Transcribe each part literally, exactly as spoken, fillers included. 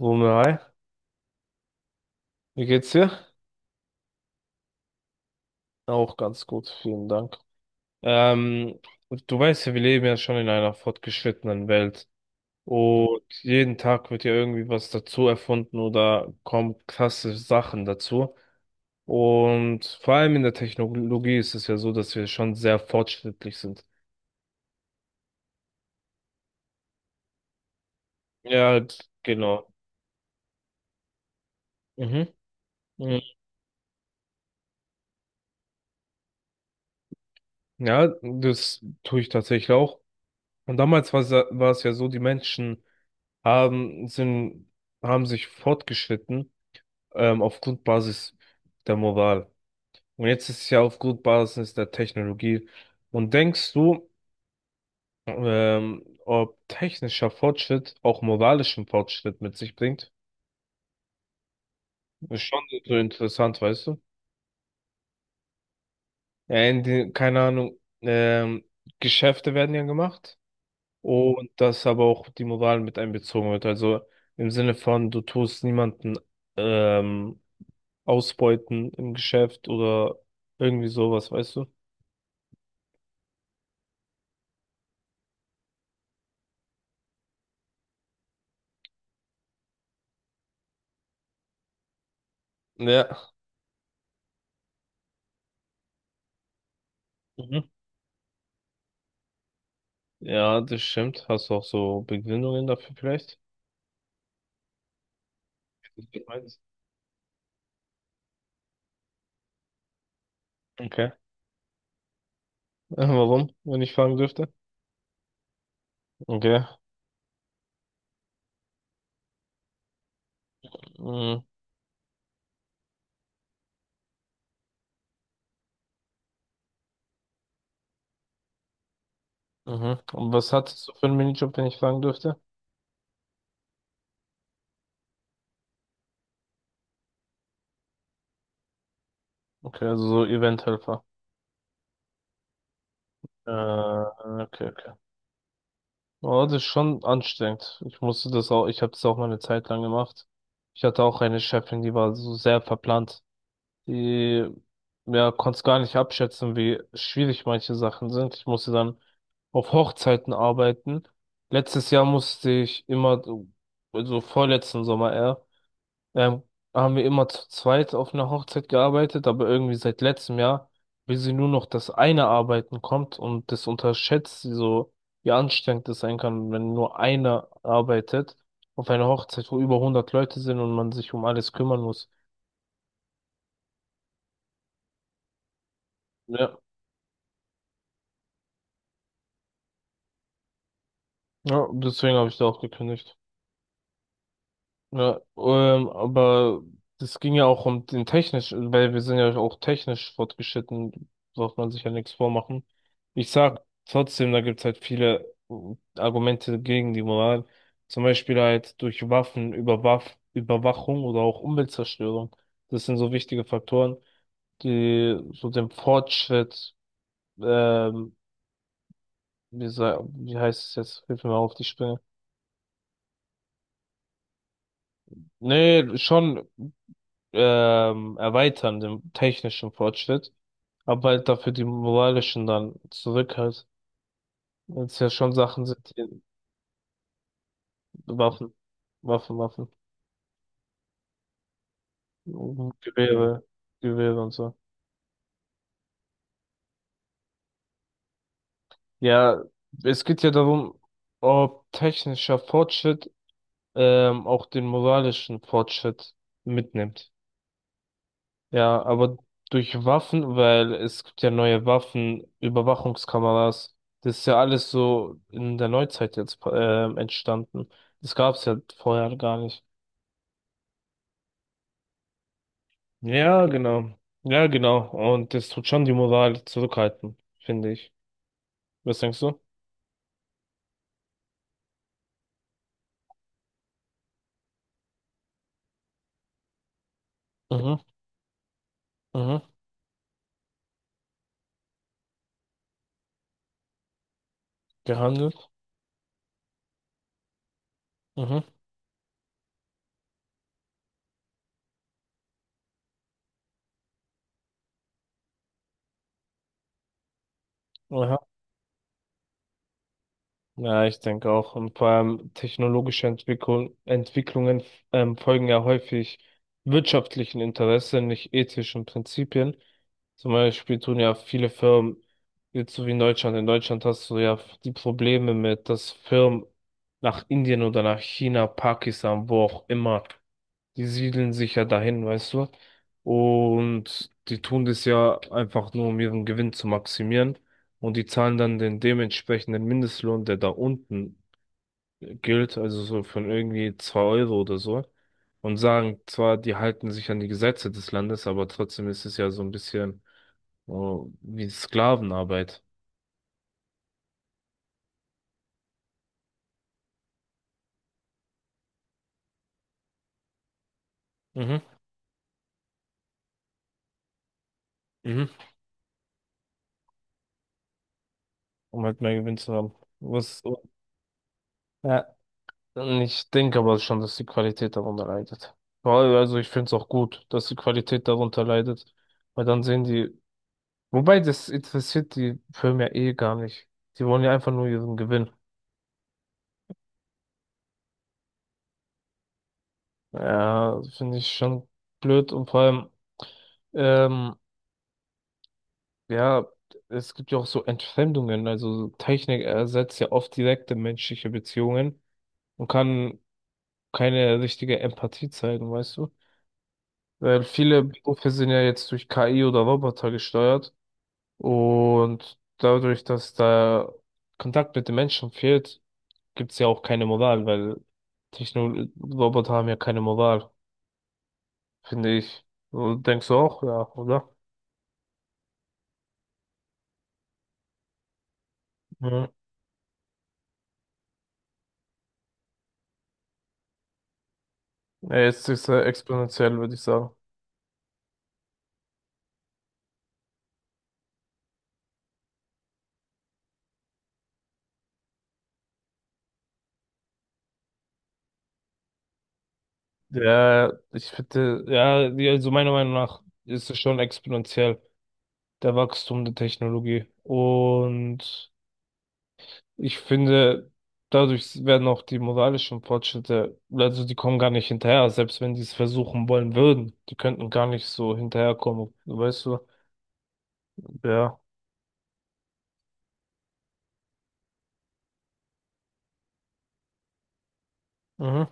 Wumme, hi, wie geht's dir? Auch ganz gut, vielen Dank. Ähm, Du weißt ja, wir leben ja schon in einer fortgeschrittenen Welt, und jeden Tag wird ja irgendwie was dazu erfunden oder kommen krasse Sachen dazu. Und vor allem in der Technologie ist es ja so, dass wir schon sehr fortschrittlich sind. Ja, genau. Mhm. Mhm. Ja, das tue ich tatsächlich auch. Und damals war es ja war es ja so, die Menschen haben, sind, haben sich fortgeschritten, ähm, auf Grundbasis der Moral. Und jetzt ist es ja auf Grundbasis der Technologie. Und denkst du, ähm, ob technischer Fortschritt auch moralischen Fortschritt mit sich bringt? Ist schon so interessant, weißt du? Ja, in die, keine Ahnung, ähm, Geschäfte werden ja gemacht, und dass aber auch die Moral mit einbezogen wird. Also im Sinne von, du tust niemanden ähm, ausbeuten im Geschäft oder irgendwie sowas, weißt du? Ja. Mhm. Ja, das stimmt. Hast du auch so Begründungen dafür vielleicht? Okay. Warum, wenn ich fragen dürfte? Okay. Mhm. Mhm. Und was hattest du für einen Minijob, wenn ich fragen dürfte? Okay, also so Eventhelfer. Äh, okay, okay. Oh, das ist schon anstrengend. Ich musste das auch, ich habe das auch mal eine Zeit lang gemacht. Ich hatte auch eine Chefin, die war so sehr verplant. Die, ja, konnte es gar nicht abschätzen, wie schwierig manche Sachen sind. Ich musste dann auf Hochzeiten arbeiten. Letztes Jahr musste ich immer, also vorletzten Sommer eher, ähm, haben wir immer zu zweit auf einer Hochzeit gearbeitet, aber irgendwie seit letztem Jahr will sie nur noch das eine Arbeiten kommt, und das unterschätzt sie so, wie anstrengend das sein kann, wenn nur einer arbeitet auf einer Hochzeit, wo über hundert Leute sind und man sich um alles kümmern muss. Ja. Ja, deswegen habe ich da auch gekündigt. Ja, ähm, aber das ging ja auch um den technisch, weil wir sind ja auch technisch fortgeschritten, darf man sich ja nichts vormachen. Ich sag trotzdem, da gibt's halt viele äh, Argumente gegen die Moral. Zum Beispiel halt durch Waffen, Überwaff Überwachung oder auch Umweltzerstörung. Das sind so wichtige Faktoren, die so dem Fortschritt, ähm, wie, sa- wie heißt es jetzt? Hilf mir mal auf die Sprünge. Nee, schon ähm, erweitern, den technischen Fortschritt, aber halt dafür die moralischen dann zurück halt. Weil es ja schon Sachen sind, die Waffen, Waffen, Waffen, Gewehre, Gewehre und so. Ja, es geht ja darum, ob technischer Fortschritt ähm, auch den moralischen Fortschritt mitnimmt. Ja, aber durch Waffen, weil es gibt ja neue Waffen, Überwachungskameras, das ist ja alles so in der Neuzeit jetzt ähm, entstanden. Das gab's ja vorher gar nicht. Ja, genau. Ja, genau. Und das tut schon die Moral zurückhalten, finde ich. Was denkst du? Mhm, mhm. Gehandelt. Mhm. Aha. Ja, ich denke auch. Und vor allem technologische Entwicklung, Entwicklungen, ähm, folgen ja häufig wirtschaftlichen Interessen, nicht ethischen Prinzipien. Zum Beispiel tun ja viele Firmen, jetzt so wie in Deutschland, in Deutschland hast du ja die Probleme mit, dass Firmen nach Indien oder nach China, Pakistan, wo auch immer, die siedeln sich ja dahin, weißt du? Und die tun das ja einfach nur, um ihren Gewinn zu maximieren. Und die zahlen dann den dementsprechenden Mindestlohn, der da unten gilt, also so von irgendwie zwei Euro oder so. Und sagen zwar, die halten sich an die Gesetze des Landes, aber trotzdem ist es ja so ein bisschen, oh, wie Sklavenarbeit. Mhm. Mhm. Um halt mehr Gewinn zu haben. Was, ja. Und ich denke aber schon, dass die Qualität darunter leidet. Vor allem, also ich finde es auch gut, dass die Qualität darunter leidet, weil dann sehen die, wobei das interessiert die Firmen ja eh gar nicht. Die wollen ja einfach nur ihren Gewinn. Ja, finde ich schon blöd, und vor allem, ähm, ja, es gibt ja auch so Entfremdungen, also Technik ersetzt ja oft direkte menschliche Beziehungen und kann keine richtige Empathie zeigen, weißt du? Weil viele Berufe sind ja jetzt durch K I oder Roboter gesteuert. Und dadurch, dass da Kontakt mit den Menschen fehlt, gibt's ja auch keine Moral, weil Technologie-Roboter haben ja keine Moral, finde ich. Du denkst du auch, ja, oder? Mhm. Ja, jetzt ist er exponentiell, würde ich sagen. Ja, ich finde, ja, die- also meiner Meinung nach ist es schon exponentiell, der Wachstum der Technologie. Und ich finde, dadurch werden auch die moralischen Fortschritte, also die kommen gar nicht hinterher, selbst wenn die es versuchen wollen würden. Die könnten gar nicht so hinterherkommen, weißt du? Ja. Mhm.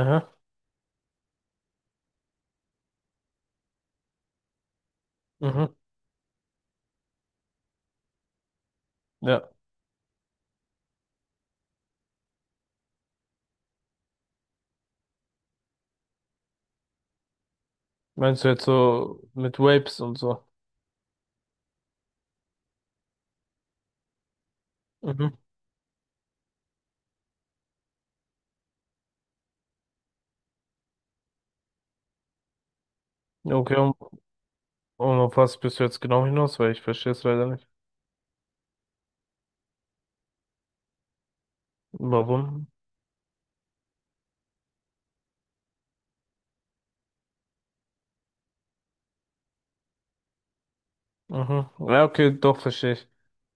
Aha. Mhm. Ja. Meinst du jetzt so mit Vapes und so? Mhm. Okay, und, und auf was bist du jetzt genau hinaus? Weil ich verstehe es leider nicht. Warum? Mhm. Ja, okay, doch verstehe ich.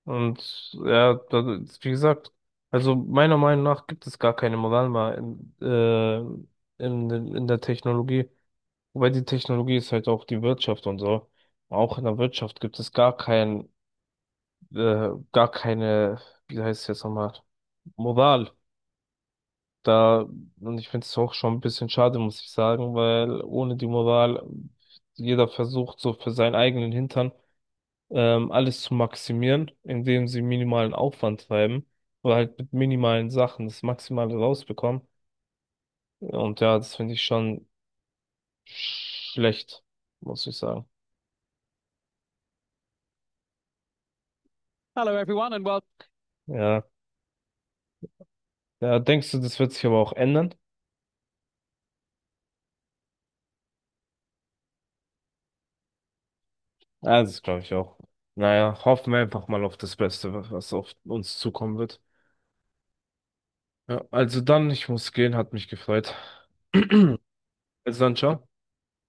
Und ja, da- wie gesagt, also meiner Meinung nach gibt es gar keine Moral mehr in, äh, in, in der Technologie. Wobei die Technologie ist halt auch die Wirtschaft und so. Auch in der Wirtschaft gibt es gar kein, äh, gar keine, wie heißt es jetzt nochmal, Moral. Da, und ich finde es auch schon ein bisschen schade, muss ich sagen, weil ohne die Moral jeder versucht so für seinen eigenen Hintern ähm, alles zu maximieren, indem sie minimalen Aufwand treiben oder halt mit minimalen Sachen das Maximale rausbekommen. Und ja, das finde ich schon schlecht, muss ich sagen. Ja. Ja, denkst du, das wird sich aber auch ändern? Ja, das glaube ich auch. Naja, hoffen wir einfach mal auf das Beste, was auf uns zukommen wird. Ja, also dann, ich muss gehen, hat mich gefreut. Also dann, ciao.